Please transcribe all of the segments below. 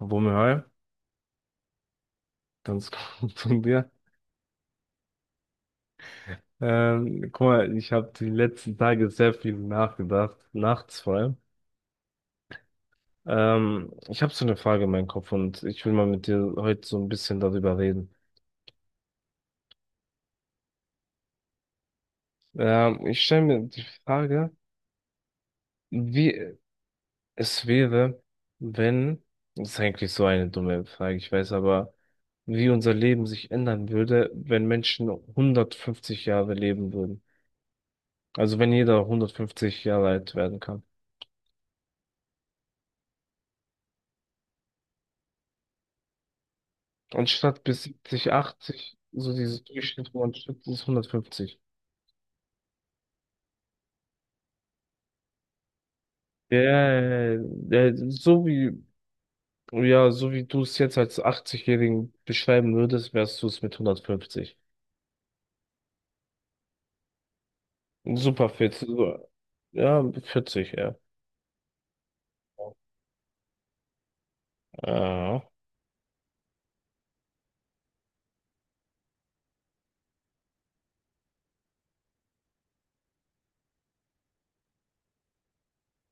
Wumme, hi. Ganz gut von dir. Guck mal, ich habe die letzten Tage sehr viel nachgedacht, nachts vor allem. Ich habe so eine Frage in meinem Kopf und ich will mal mit dir heute so ein bisschen darüber reden. Ich stelle mir die Frage, wie es wäre, wenn, das ist eigentlich so eine dumme Frage, ich weiß, aber wie unser Leben sich ändern würde, wenn Menschen 150 Jahre leben würden. Also wenn jeder 150 Jahre alt werden kann. Anstatt bis 70, 80, so dieses Durchschnitt, wo man schützt, ist 150. Ja, ja, ja, ja, so wie du es jetzt als 80-Jährigen beschreiben würdest, wärst du es mit 150. Super fit. Ja, 40, ja. Ja.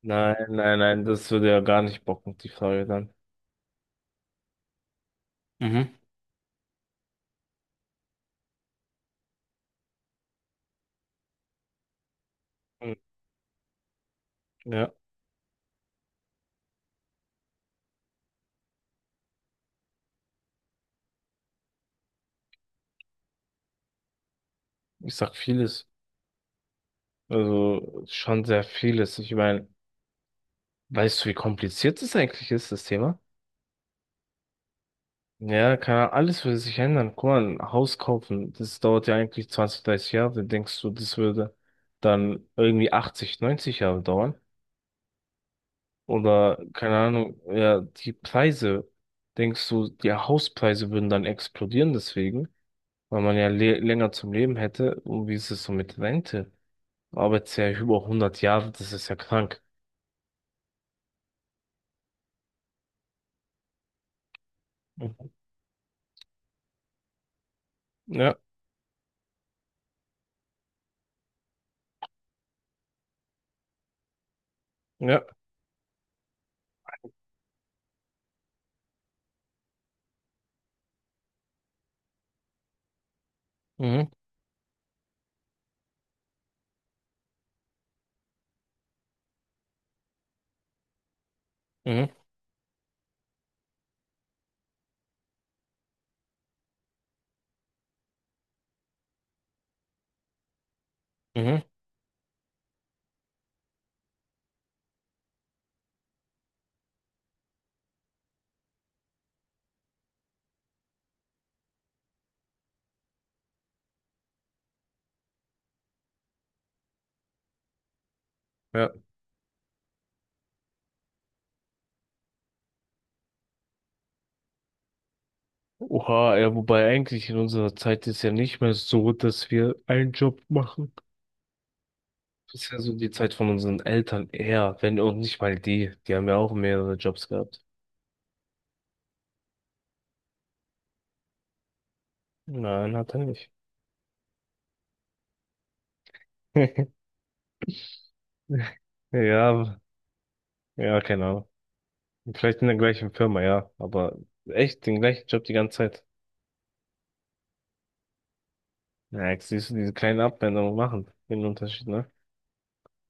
Nein, nein, nein, das würde ja gar nicht bocken, die Frage dann. Mhm. Hm. Ja, ich sag vieles. Also schon sehr vieles. Ich meine, weißt du, wie kompliziert es eigentlich ist, das Thema? Ja, alles würde sich ändern. Guck mal, ein Haus kaufen, das dauert ja eigentlich 20, 30 Jahre. Denkst du, das würde dann irgendwie 80, 90 Jahre dauern? Oder, keine Ahnung, ja, die Preise, denkst du, die Hauspreise würden dann explodieren deswegen, weil man ja le länger zum Leben hätte? Und wie ist es so mit Rente? Arbeitest ja über 100 Jahre, das ist ja krank. Mhm. Ja, ja, mhm, mhm, mhm, ja. Oha, ja, wobei eigentlich in unserer Zeit ist ja nicht mehr so, dass wir einen Job machen. Das ist ja so die Zeit von unseren Eltern eher, wenn auch nicht mal die. Die haben ja auch mehrere Jobs gehabt. Nein, hat er nicht. Ja, ja, keine Ahnung. Vielleicht in der gleichen Firma, ja. Aber echt den gleichen Job die ganze Zeit. Ja, jetzt siehst du, diese kleinen Abwendungen machen den Unterschied, ne?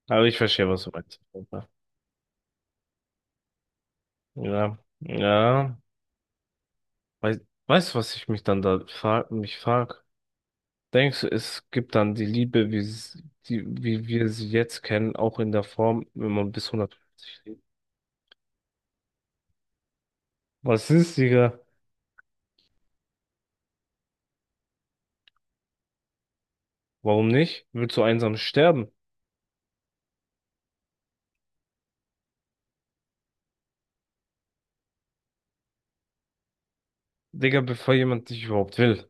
Aber ich verstehe, was du meinst. Ja, ja. Weiß, Weißt du, was ich mich dann da frag? Denkst du, es gibt dann die Liebe, wie wir sie jetzt kennen, auch in der Form, wenn man bis 150 lebt? Was ist, Digga? Warum nicht? Willst du einsam sterben? Digga, bevor jemand dich überhaupt will.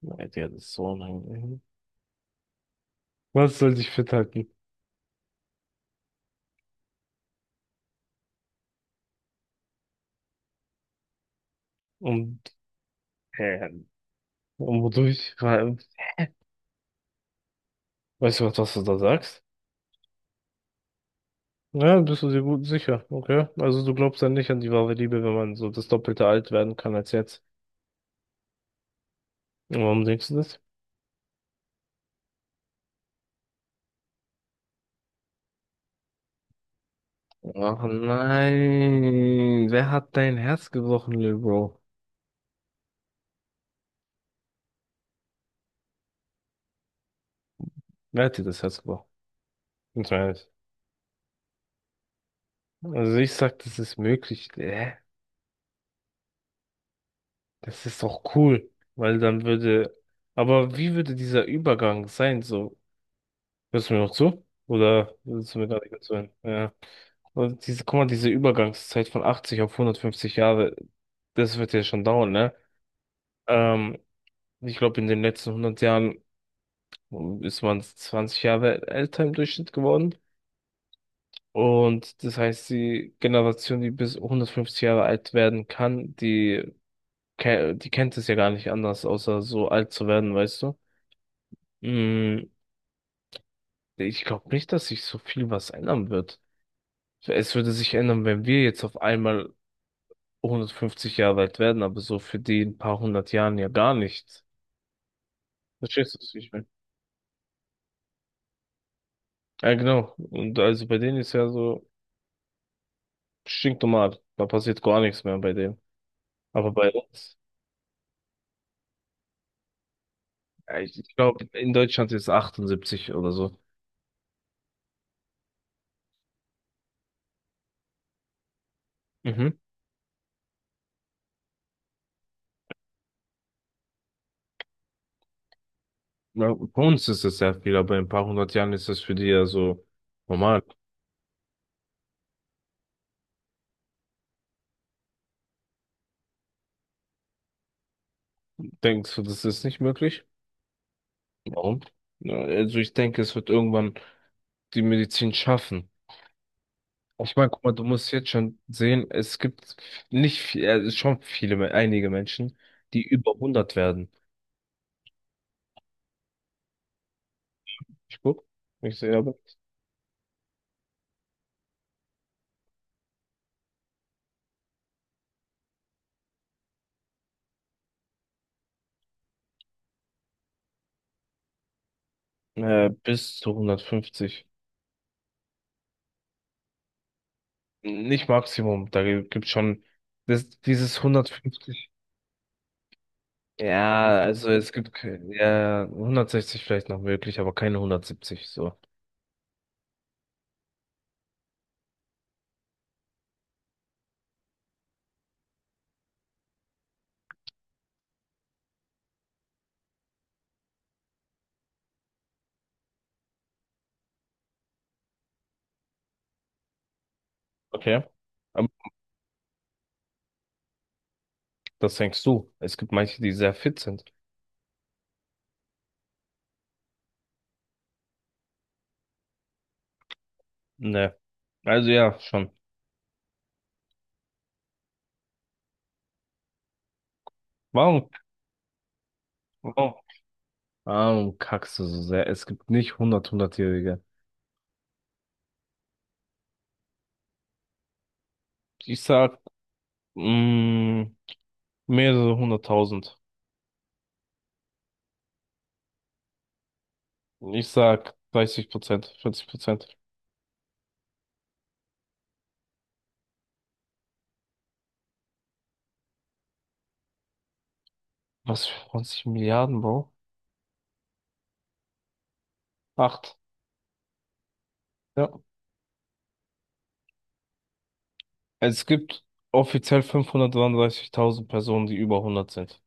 Nein, Digga, das ist so unangenehm. Was soll dich fit halten? Und, äh, und wodurch? Weißt du, was du da sagst? Ja, bist du dir gut sicher, okay? Also du glaubst dann nicht an die wahre Liebe, wenn man so das Doppelte alt werden kann als jetzt. Und warum denkst du das? Ach nein, wer hat dein Herz gebrochen, Lil Bro? Wer hat dir das Herz gebrochen? Ganz mal ehrlich. Also ich sag, das ist möglich. Das ist doch cool, weil dann würde. Aber wie würde dieser Übergang sein? So, hörst du mir noch zu? Oder willst du mir gerade nicht zuhören? Ja. Und diese, guck mal, diese Übergangszeit von 80 auf 150 Jahre, das wird ja schon dauern, ne? Ähm, Ich glaube, in den letzten 100 Jahren ist man 20 Jahre älter im Durchschnitt geworden. Und das heißt, die Generation, die bis 150 Jahre alt werden kann, die kennt es ja gar nicht anders, außer so alt zu werden, weißt du? Mm, ich glaube nicht, dass sich so viel was ändern wird. Es würde sich ändern, wenn wir jetzt auf einmal 150 Jahre alt werden, aber so für die in ein paar hundert Jahren ja gar nicht. Verstehst du, was ich meine? Ja, genau. Und also bei denen ist ja so stinknormal. Da passiert gar nichts mehr bei denen. Aber bei uns, ja, ich glaube, in Deutschland ist 78 oder so. Mhm. Ja, bei uns ist es sehr viel, aber in ein paar hundert Jahren ist das für die ja so normal. Denkst du, das ist nicht möglich? Warum? Ja, also ich denke, es wird irgendwann die Medizin schaffen. Ich meine, guck mal, du musst jetzt schon sehen, es gibt nicht viel, schon viele, einige Menschen, die über 100 werden. Ich guck, Ich sehe aber, bis zu 150. Nicht Maximum, da gibt schon das, dieses 150. Ja, also es gibt ja 160 vielleicht noch möglich, aber keine 170 so. Okay. Aber das denkst du. Es gibt manche, die sehr fit sind. Ne. Also ja, schon. Warum, warum, warum kackst du so sehr? Es gibt nicht hundert-hundertjährige. Ich sag, mh, mehrere hunderttausend. Ich sag 30%, 40%. Was für 20 Milliarden, Bro? Acht. Ja. Es gibt offiziell 533.000 Personen, die über 100 sind.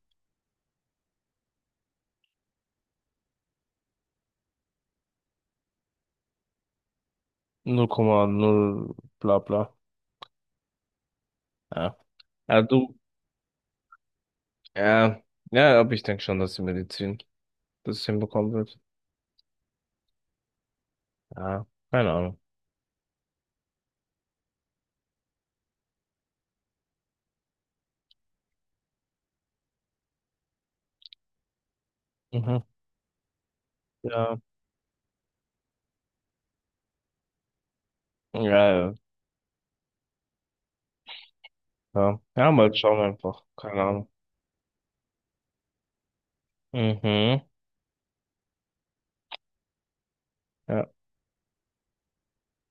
0,0 bla bla. Ja. Ja, du, ja, ja, aber ich denke schon, dass die Medizin das hinbekommen wird. Ja, keine Ahnung. Mhm. Ja, ja, ja, ja. Ja, mal schauen einfach. Keine Ahnung. Mhm. Ja.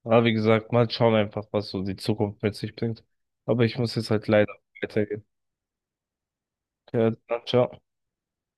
Aber wie gesagt, mal schauen einfach, was so die Zukunft mit sich bringt. Aber ich muss jetzt halt leider weitergehen. Ja, dann ciao.